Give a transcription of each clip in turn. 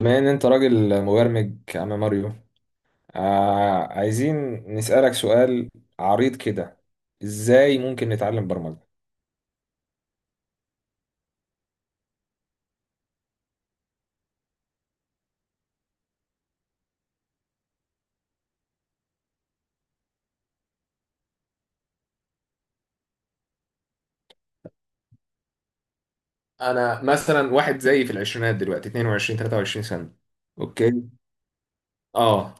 بما ان انت راجل مبرمج يا عم ماريو، عايزين نسألك سؤال عريض كده. ازاي ممكن نتعلم برمجة؟ انا مثلا واحد زيي في العشرينات دلوقتي، 22 23 سنة. اوكي. اه.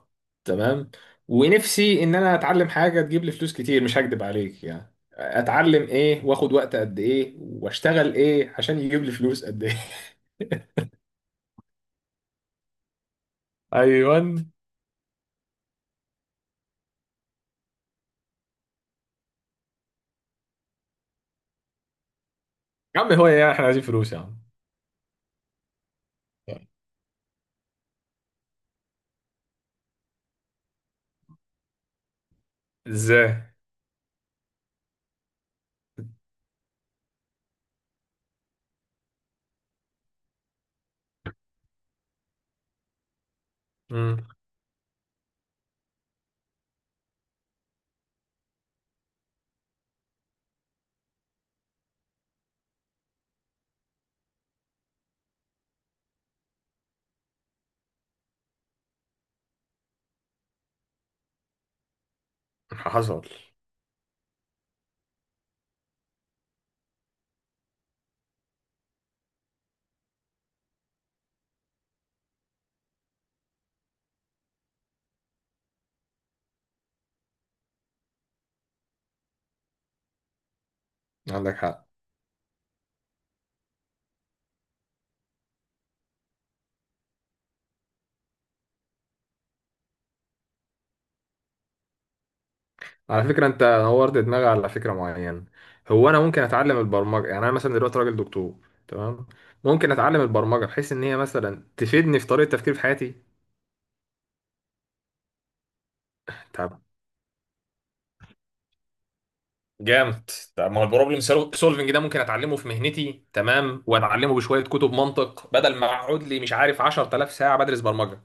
تمام. ونفسي ان انا اتعلم حاجة تجيب لي فلوس كتير، مش هكدب عليك. يعني اتعلم ايه، واخد وقت قد ايه، واشتغل ايه عشان يجيب لي فلوس قد ايه؟ ايوه. يا عم هو ايه يعني، احنا عايزين فلوس يا عم. ازاي؟ امم. حصل. عندك حق. على فكرة انت نورت دماغي على فكرة معينة. هو انا ممكن اتعلم البرمجة؟ يعني انا مثلا دلوقتي راجل دكتور، تمام، ممكن اتعلم البرمجة بحيث ان هي مثلا تفيدني في طريقة تفكيري في حياتي. طب جامد. طب ما هو البروبلم سولفنج ده ممكن اتعلمه في مهنتي، تمام، واتعلمه بشوية كتب منطق، بدل ما اقعد لي مش عارف 10000 ساعة بدرس برمجة.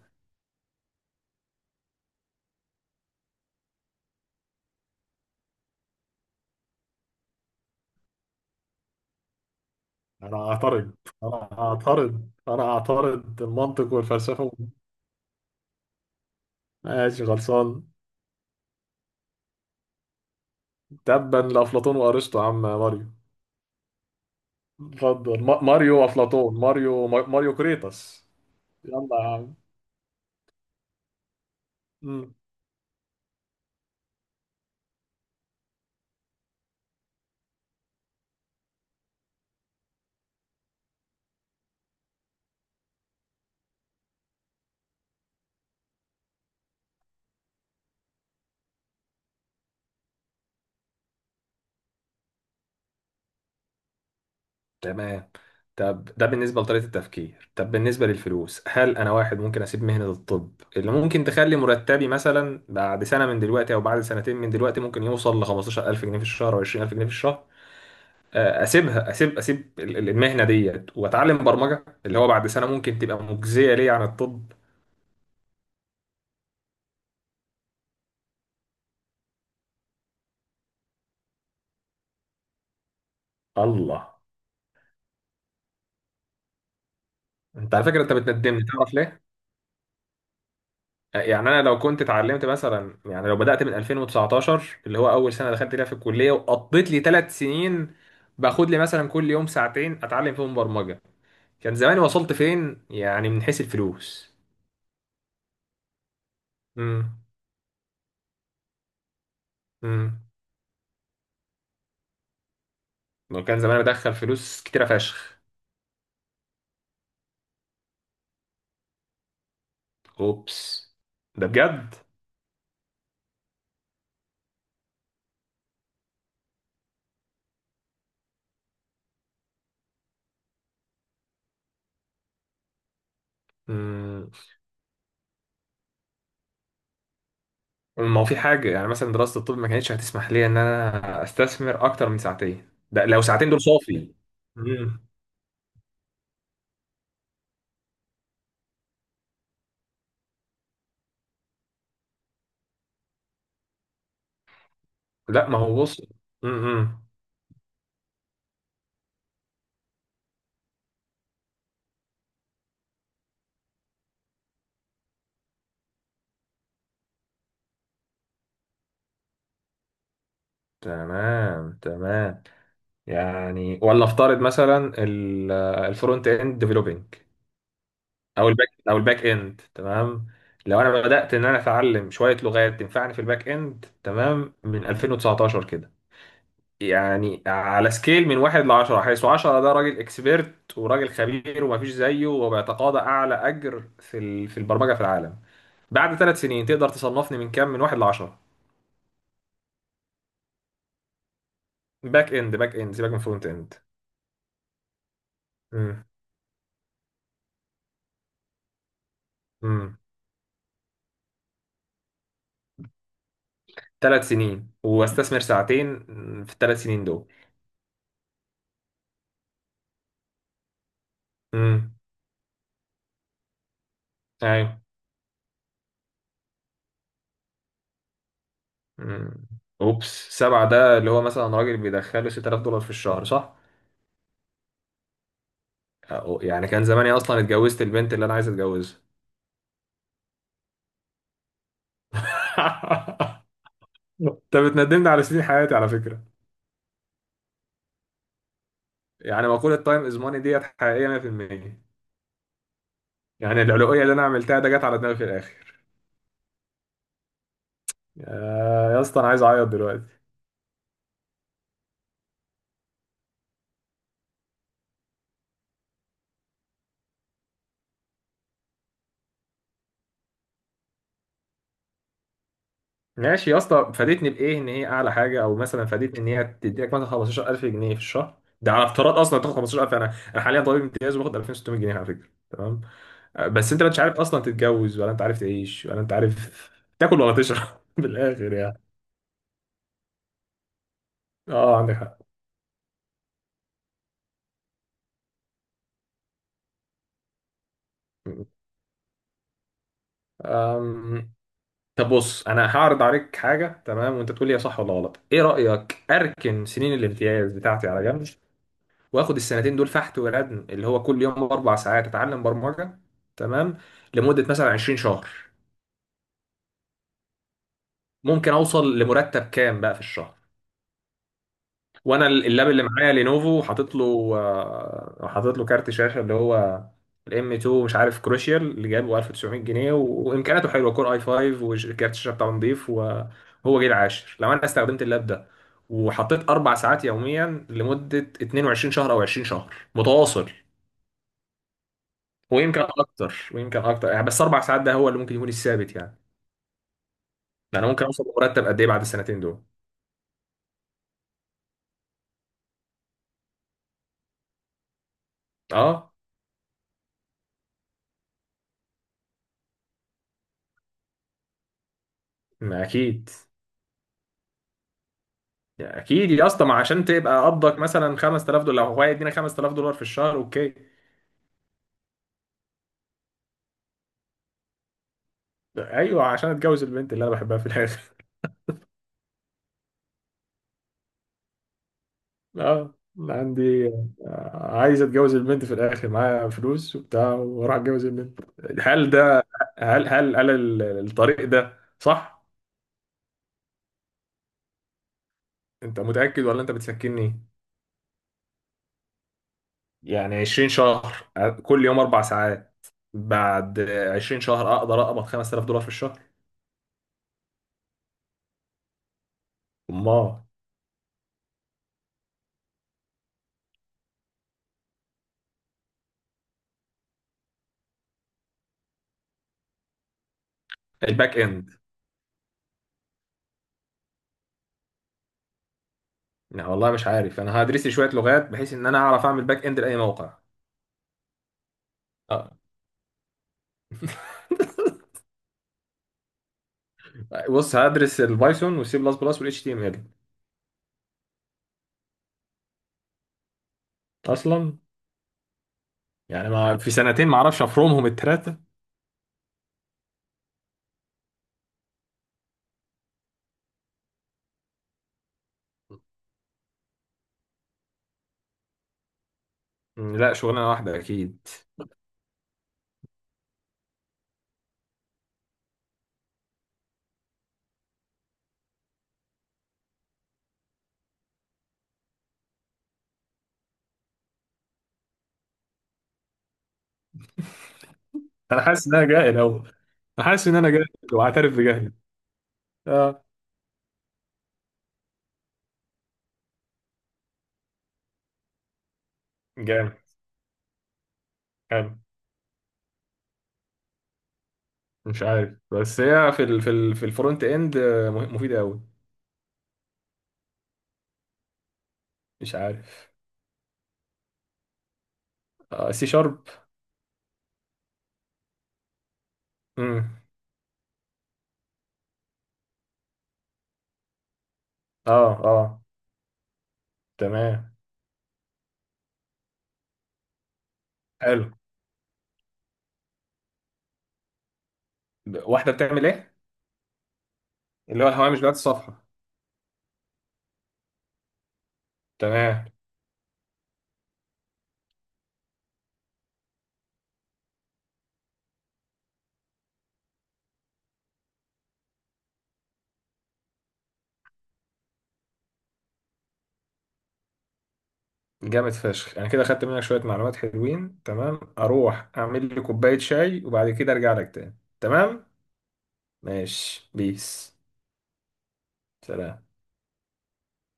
انا اعترض. انا اعترض. انا اعترض المنطق والفلسفه. ماشي، خلصان. تبا لافلاطون وارسطو يا عم ماريو. اتفضل. ماريو افلاطون، ماريو ماريو كريتاس. يلا يا عم. مم. تمام. طب ده بالنسبة لطريقة التفكير. طب بالنسبة للفلوس، هل أنا واحد ممكن أسيب مهنة الطب اللي ممكن تخلي مرتبي مثلا بعد سنة من دلوقتي أو بعد سنتين من دلوقتي ممكن يوصل ل 15000 جنيه في الشهر أو 20000 جنيه في الشهر؟ أسيب المهنة ديت وأتعلم برمجة، اللي هو بعد سنة ممكن تبقى مجزية ليا عن الطب. الله. أنت على فكرة أنت بتندمني، تعرف ليه؟ يعني انا لو كنت اتعلمت مثلا، يعني لو بدأت من 2019 اللي هو اول سنة دخلت فيها في الكلية، وقضيت لي ثلاث سنين باخد لي مثلا كل يوم ساعتين اتعلم فيهم برمجة، كان زماني وصلت فين يعني من حيث الفلوس؟ امم. امم. وكان زماني بدخل فلوس كتيرة فشخ. اوبس. ده بجد. امم. ما هو في حاجة، يعني مثلا دراسة الطب ما كانتش هتسمح لي ان انا استثمر اكتر من ساعتين، ده لو ساعتين دول صافي. امم. لا ما هو بص. تمام، تمام. يعني، ولا افترض مثلا ال- الفرونت اند ديفلوبينج، او الباك اند تمام. لو انا بدات ان انا اتعلم شويه لغات تنفعني في الباك اند، تمام، من 2019 كده. يعني على سكيل من واحد ل 10، حيث 10 ده راجل اكسبيرت وراجل خبير ومفيش زيه وبيتقاضى اعلى اجر في البرمجه في العالم، بعد ثلاث سنين تقدر تصنفني من كام، من واحد ل 10؟ باك اند، باك اند، سيبك من فرونت اند. ثلاث سنين واستثمر ساعتين في الثلاث سنين دول. امم. ايوه. امم. اوبس، سبعة ده اللي هو مثلا راجل بيدخله 6000 دولار في الشهر، صح؟ يعني كان زماني اصلا اتجوزت البنت اللي انا عايز اتجوزها. انت بتندمني على سنين حياتي على فكرة. يعني مقولة تايم از ماني ديت حقيقية 100%. يعني العلوية اللي انا عملتها ده جت على دماغي في الاخر. يا اسطى، انا عايز اعيط دلوقتي. ماشي يا اسطى، فادتني بايه ان هي اعلى حاجه، او مثلا فادتني ان هي تديك مثلا 15000 جنيه في الشهر؟ ده على افتراض اصلا تاخد 15000. انا حاليا طبيب امتياز وباخد 2600 جنيه على فكره، تمام. بس انت مش عارف اصلا تتجوز، ولا انت عارف تعيش، ولا انت عارف تاكل ولا تشرب بالاخر يعني. اه، عندك حق. أم، طب بص، انا هعرض عليك حاجه، تمام، وانت تقول لي هي صح ولا غلط. ايه رايك اركن سنين الامتياز بتاعتي على جنب، واخد السنتين دول فحت وردم اللي هو كل يوم اربع ساعات اتعلم برمجه، تمام، لمده مثلا 20 شهر، ممكن اوصل لمرتب كام بقى في الشهر؟ وانا اللاب اللي معايا لينوفو حاطط له كارت شاشه اللي هو الام 2 مش عارف كروشيال اللي جابه 1900 جنيه وامكانياته حلوه، كور اي 5، وكارت الشاشه بتاعه نضيف، وهو جيل عاشر. لو انا استخدمت اللاب ده وحطيت اربع ساعات يوميا لمده 22 شهر او 20 شهر متواصل، ويمكن اكتر، ويمكن اكتر يعني، بس اربع ساعات ده هو اللي ممكن يكون الثابت يعني، ده انا ممكن اوصل لمرتب قد ايه بعد السنتين دول؟ اه. ما اكيد. يا اكيد يا اسطى، ما عشان تبقى قبضك مثلا 5000 دولار، لو هو يدينا 5000 دولار في الشهر، اوكي. ايوه، عشان اتجوز البنت اللي انا بحبها في الاخر. اه، أنا عندي. عايز اتجوز البنت في الاخر معايا فلوس وبتاع واروح اتجوز البنت. هل ده. هل الطريق ده صح؟ انت متاكد ولا انت بتسكتني؟ يعني 20 شهر كل يوم أربع ساعات بعد 20 شهر أقدر أقبض 5000 دولار في الشهر؟ أمال. الباك إند. يعني والله مش عارف، أنا هدرس لي شوية لغات بحيث إن أنا أعرف أعمل باك إند لأي موقع. أه. بص هدرس البايثون والسي بلس بلس والاتش تي ام ال. أصلا، يعني ما في سنتين ما أعرفش أفرمهم التلاتة؟ لا، شغلانة واحدة أكيد. أنا حاسس إن أنا جاهل أوي، أنا حاسس إن أنا جاهل وأعترف بجهلي. أه. جامد. مش عارف، بس هي في الفرونت اند مفيدة قوي. مش عارف. آه، سي شارب. امم. اه. اه. تمام. حلو. واحدة بتعمل ايه؟ اللي هو الهوامش بتاعت الصفحة. تمام. جامد فشخ. انا كده خدت منك شوية معلومات حلوين، تمام، اروح اعمل لي كوباية شاي وبعد كده ارجع لك تاني، تمام. ماشي. بيس. سلام.